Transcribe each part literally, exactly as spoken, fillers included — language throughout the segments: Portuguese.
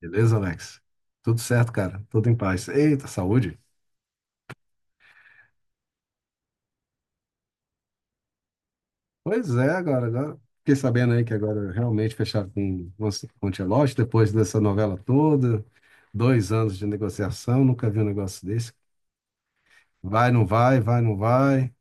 Beleza, Alex? Tudo certo, cara. Tudo em paz. Eita, saúde. Pois é, agora, agora. Fiquei sabendo aí que agora realmente fecharam com, com o Tielote, depois dessa novela toda, dois anos de negociação, nunca vi um negócio desse. Vai, não vai, vai, não vai.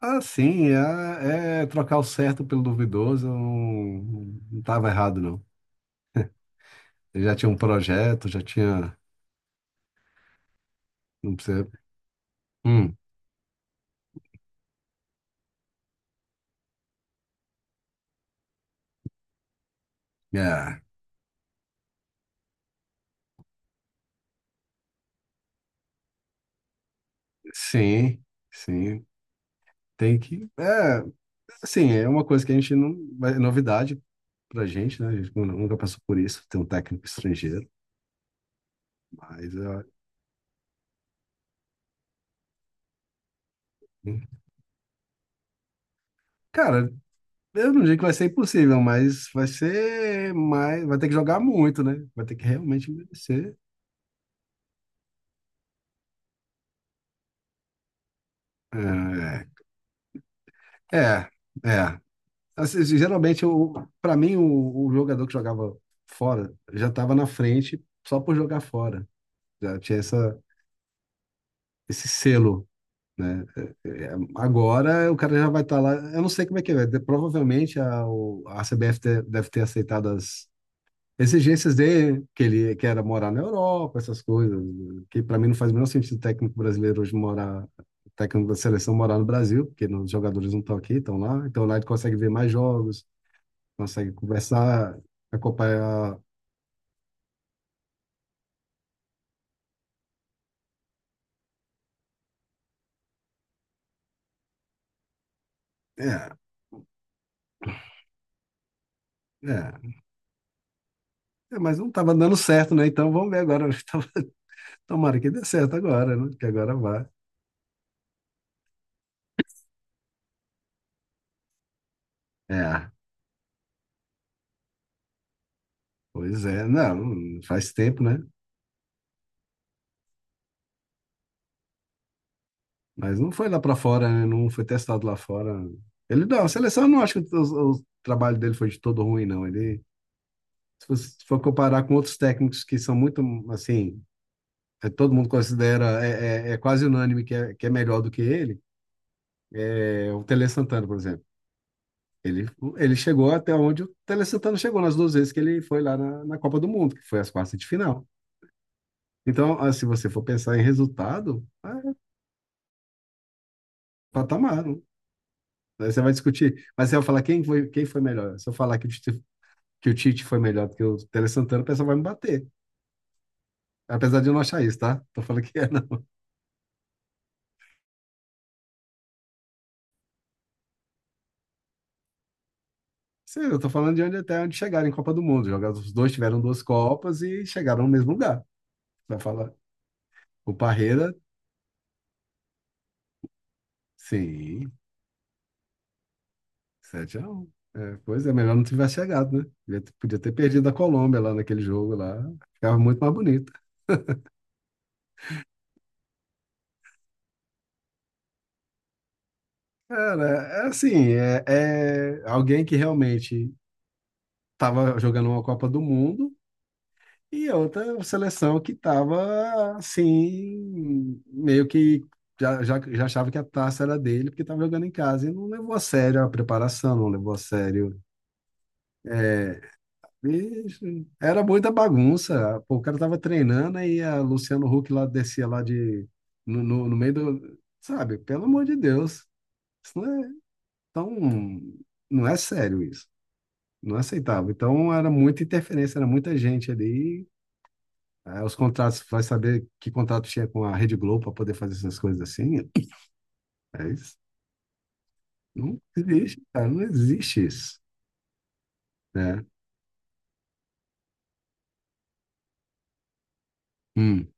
Ah, sim, é, é trocar o certo pelo duvidoso, eu não, não tava errado, não. Eu já tinha um projeto, já tinha. Não precisa. Hum, é, sim, sim. Tem que. É, assim, é uma coisa que a gente não. É novidade pra gente, né? A gente nu- nunca passou por isso, ter um técnico estrangeiro. Mas, é, hum, cara, eu não digo que vai ser impossível, mas vai ser mais. Vai ter que jogar muito, né? Vai ter que realmente merecer. É, é. É. Assim, geralmente, o, pra mim, o, o jogador que jogava fora já estava na frente só por jogar fora. Já tinha essa, esse selo, né? É, é. Agora o cara já vai estar lá. Eu não sei como é que é. de- Provavelmente a, o- a C B F te- deve ter aceitado as exigências dele, que ele que era morar na Europa, essas coisas, né? Que para mim não faz o menor sentido o técnico brasileiro hoje morar, o técnico da seleção morar no Brasil, porque não- os jogadores não estão aqui, estão lá. Então lá ele consegue ver mais jogos, consegue conversar, acompanhar. É, é. É, mas não estava dando certo, né? Então vamos ver agora. Tomara que dê certo agora, né? Que agora vai. É. Pois é, não, faz tempo, né? Mas não foi lá pra fora, né? Não foi testado lá fora. Ele não, a seleção eu não acho que o, o trabalho dele foi de todo ruim, não. Ele, se você for comparar com outros técnicos que são muito, assim, é, todo mundo considera, é, é, é quase unânime que é, que é melhor do que ele, é o Tele Santana, por exemplo. Ele, ele chegou até onde o Tele Santana chegou nas duas vezes que ele foi lá na, na Copa do Mundo, que foi as quartas de final. Então, ah, se você for pensar em resultado, é patamar. Daí Você vai discutir. Mas você vai falar quem foi, quem foi melhor, se eu falar que o, Tite, que o Tite foi melhor do que o Tele Santana, o pessoal vai me bater. Apesar de eu não achar isso, tá? Tô falando que é, não. Sim, eu tô falando de onde até onde chegaram em Copa do Mundo. Jogar, os dois tiveram duas Copas e chegaram no mesmo lugar. Vai falar, o Parreira, sim, sete x um. É, pois é, melhor não tivesse chegado, né? Devia ter- Podia ter perdido a Colômbia lá naquele jogo lá. Ficava muito mais bonito. Cara, é assim, é, é alguém que realmente estava jogando uma Copa do Mundo. E outra seleção que estava assim, meio que já, já, já achava que a taça era dele, porque estava jogando em casa e não levou a sério a preparação, não levou a sério. É, era muita bagunça. Pô, o cara estava treinando e a Luciano Huck lá descia lá de no, no, no meio do, sabe? Pelo amor de Deus, isso não é tão, não é sério isso. Não aceitava. Então era muita interferência, era muita gente ali. É, os contratos, vai saber que contrato tinha com a Rede Globo para poder fazer essas coisas assim? é isso, não existe, cara, não existe isso, né? Hum,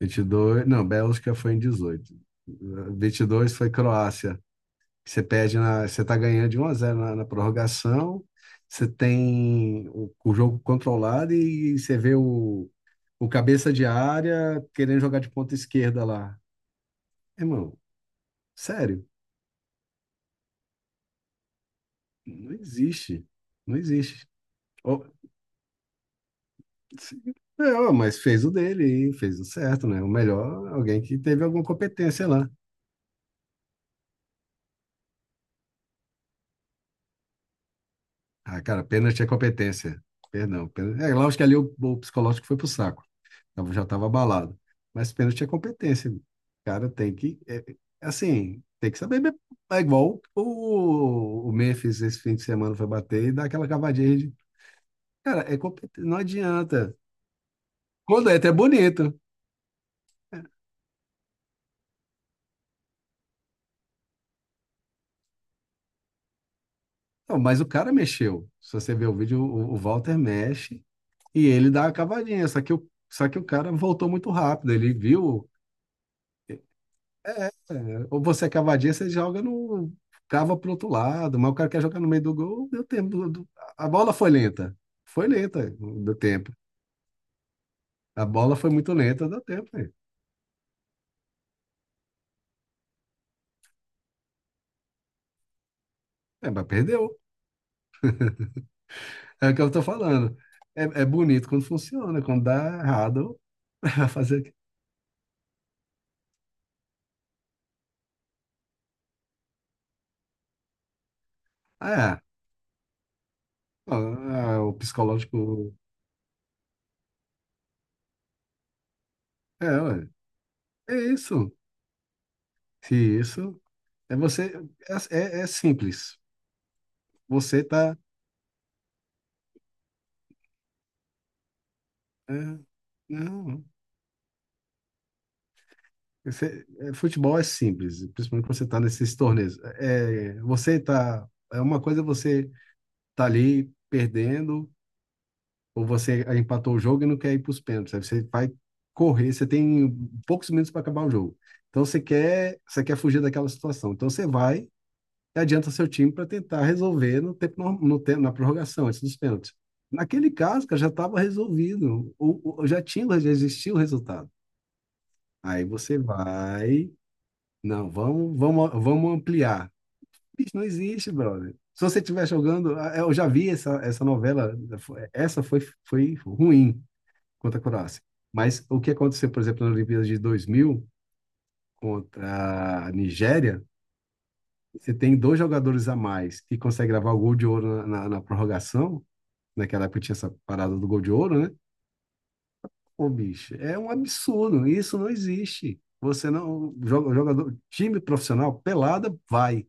vinte e dois não, Bélgica foi em dezoito. Eh, vinte e dois foi Croácia. que Você perde na, você tá ganhando de um a zero na, na prorrogação. Você tem o, o jogo controlado e você vê o, o cabeça de área querendo jogar de ponta esquerda lá. Irmão, sério, não existe. Não existe. Ou, Não, mas fez o dele e fez o certo, né? O melhor, alguém que teve alguma competência lá. Ah, cara, pênalti é competência. Perdão. pênalti- É, lógico que ali o, o psicológico foi pro saco. Tava- Já estava abalado. Mas pênalti é competência. O cara tem que, é, é assim, tem que saber mesmo. É igual o, o Memphis esse fim de semana foi bater e dar aquela cavadinha de. Cara, é competência, não adianta. Quando é, é até bonito. Não, mas o cara mexeu. Se você ver o vídeo, o, o Walter mexe. E ele dá a cavadinha, só que o, só que o cara voltou muito rápido. Ele viu. É, é, ou você é cavadinha, você joga no. Cava pro outro lado, mas o cara quer jogar no meio do gol, deu tempo. do- do- a bola foi lenta. Foi lenta, deu tempo. A bola foi muito lenta, deu tempo aí. É, mas perdeu. É o que eu tô falando. É, é bonito quando funciona, quando dá errado, vai fazer o quê? Ah, é. Ah, o psicológico. É, ué, é isso. Se isso. É você. É, é é simples. Você tá. É, não. Você- é, é, futebol é simples, principalmente quando você tá nesses torneios. É, você tá. É uma coisa você tá ali perdendo, ou você empatou o jogo e não quer ir para os pênaltis. Aí você vai correr, você tem poucos minutos para acabar o jogo. Então você quer, você quer, fugir daquela situação. Então você vai e adianta seu time para tentar resolver no tempo, norm- no, tempo, na prorrogação, antes dos pênaltis. Naquele caso, cara, já estava resolvido. O, o- já tinha, já existia o resultado. Aí você vai. Não, vamos, vamos, vamos ampliar. Bicho, não existe, brother. Se você estiver jogando, ah, eu já vi essa, essa novela, essa foi, foi ruim contra a Croácia. Mas o que aconteceu, por exemplo, na Olimpíada de dois mil contra a Nigéria, você tem dois jogadores a mais que consegue gravar o gol de ouro na, na, na prorrogação, naquela época tinha essa parada do gol de ouro, né? Ô, bicho, é um absurdo. Isso não existe. Você não. joga- Jogador, time profissional, pelada, vai.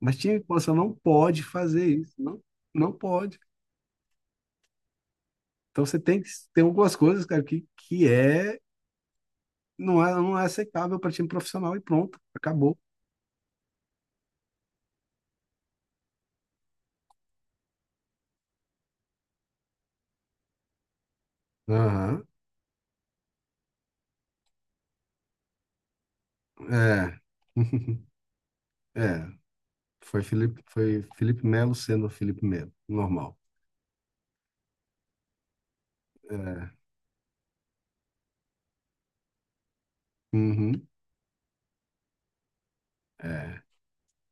Mas time profissional não pode fazer isso. Não, não pode. Então você tem que. Tem algumas coisas, cara, que, que é. Não é, não é aceitável para time profissional e pronto, acabou. Aham, é. É. Foi Felipe, foi Felipe Melo sendo Felipe Melo. Normal. É. Uhum, é.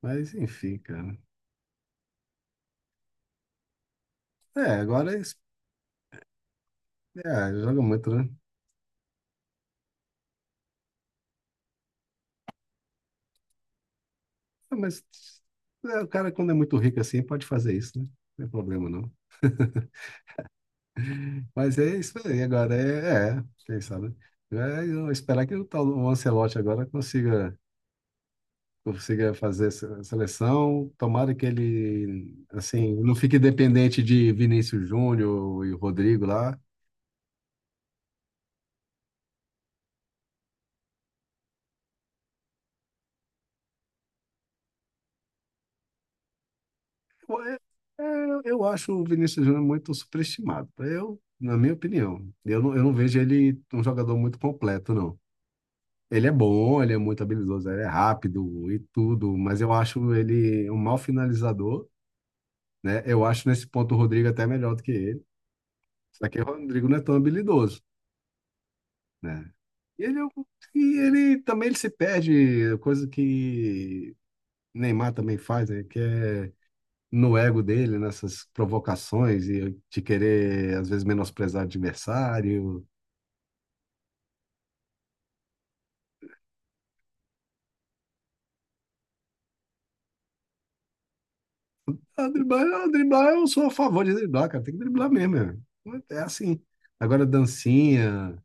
Mas enfim, cara. É, agora é, es- é, joga muito, né? Ah, Mas é, o cara, quando é muito rico assim, pode fazer isso, né? Não tem problema, não. Mas é isso aí, agora é, é, quem sabe? É, eu esperar que o tal o Ancelotti agora consiga, consiga fazer essa seleção. Tomara que ele, assim, não fique dependente de Vinícius Júnior e Rodrigo lá. Eu, é, é, eu acho o Vinícius Júnior muito superestimado, eu, na minha opinião. Eu não, eu não vejo ele um jogador muito completo, não. Ele é bom, ele é muito habilidoso, ele é rápido e tudo, mas eu acho ele um mau finalizador, né? Eu acho nesse ponto o Rodrigo até melhor do que ele. Só que o Rodrigo não é tão habilidoso, né? E ele, é um- e ele também ele se perde, coisa que Neymar também faz, né? Que é no ego dele, nessas provocações e de querer, às vezes, menosprezar o adversário. Ah, driblar, ah, driblar, eu sou a favor de driblar, cara. Tem que driblar mesmo. meu. É assim. Agora, dancinha,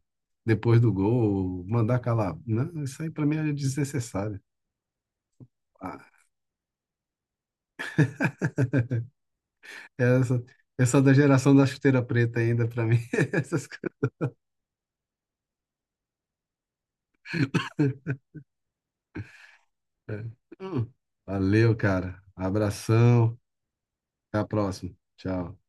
depois do gol, mandar calar. Não, isso aí pra mim é desnecessário. Ah, essa, essa da geração da chuteira preta ainda, pra mim, essas coisas. Hum. Valeu, cara. Abração. Até a próxima. Tchau.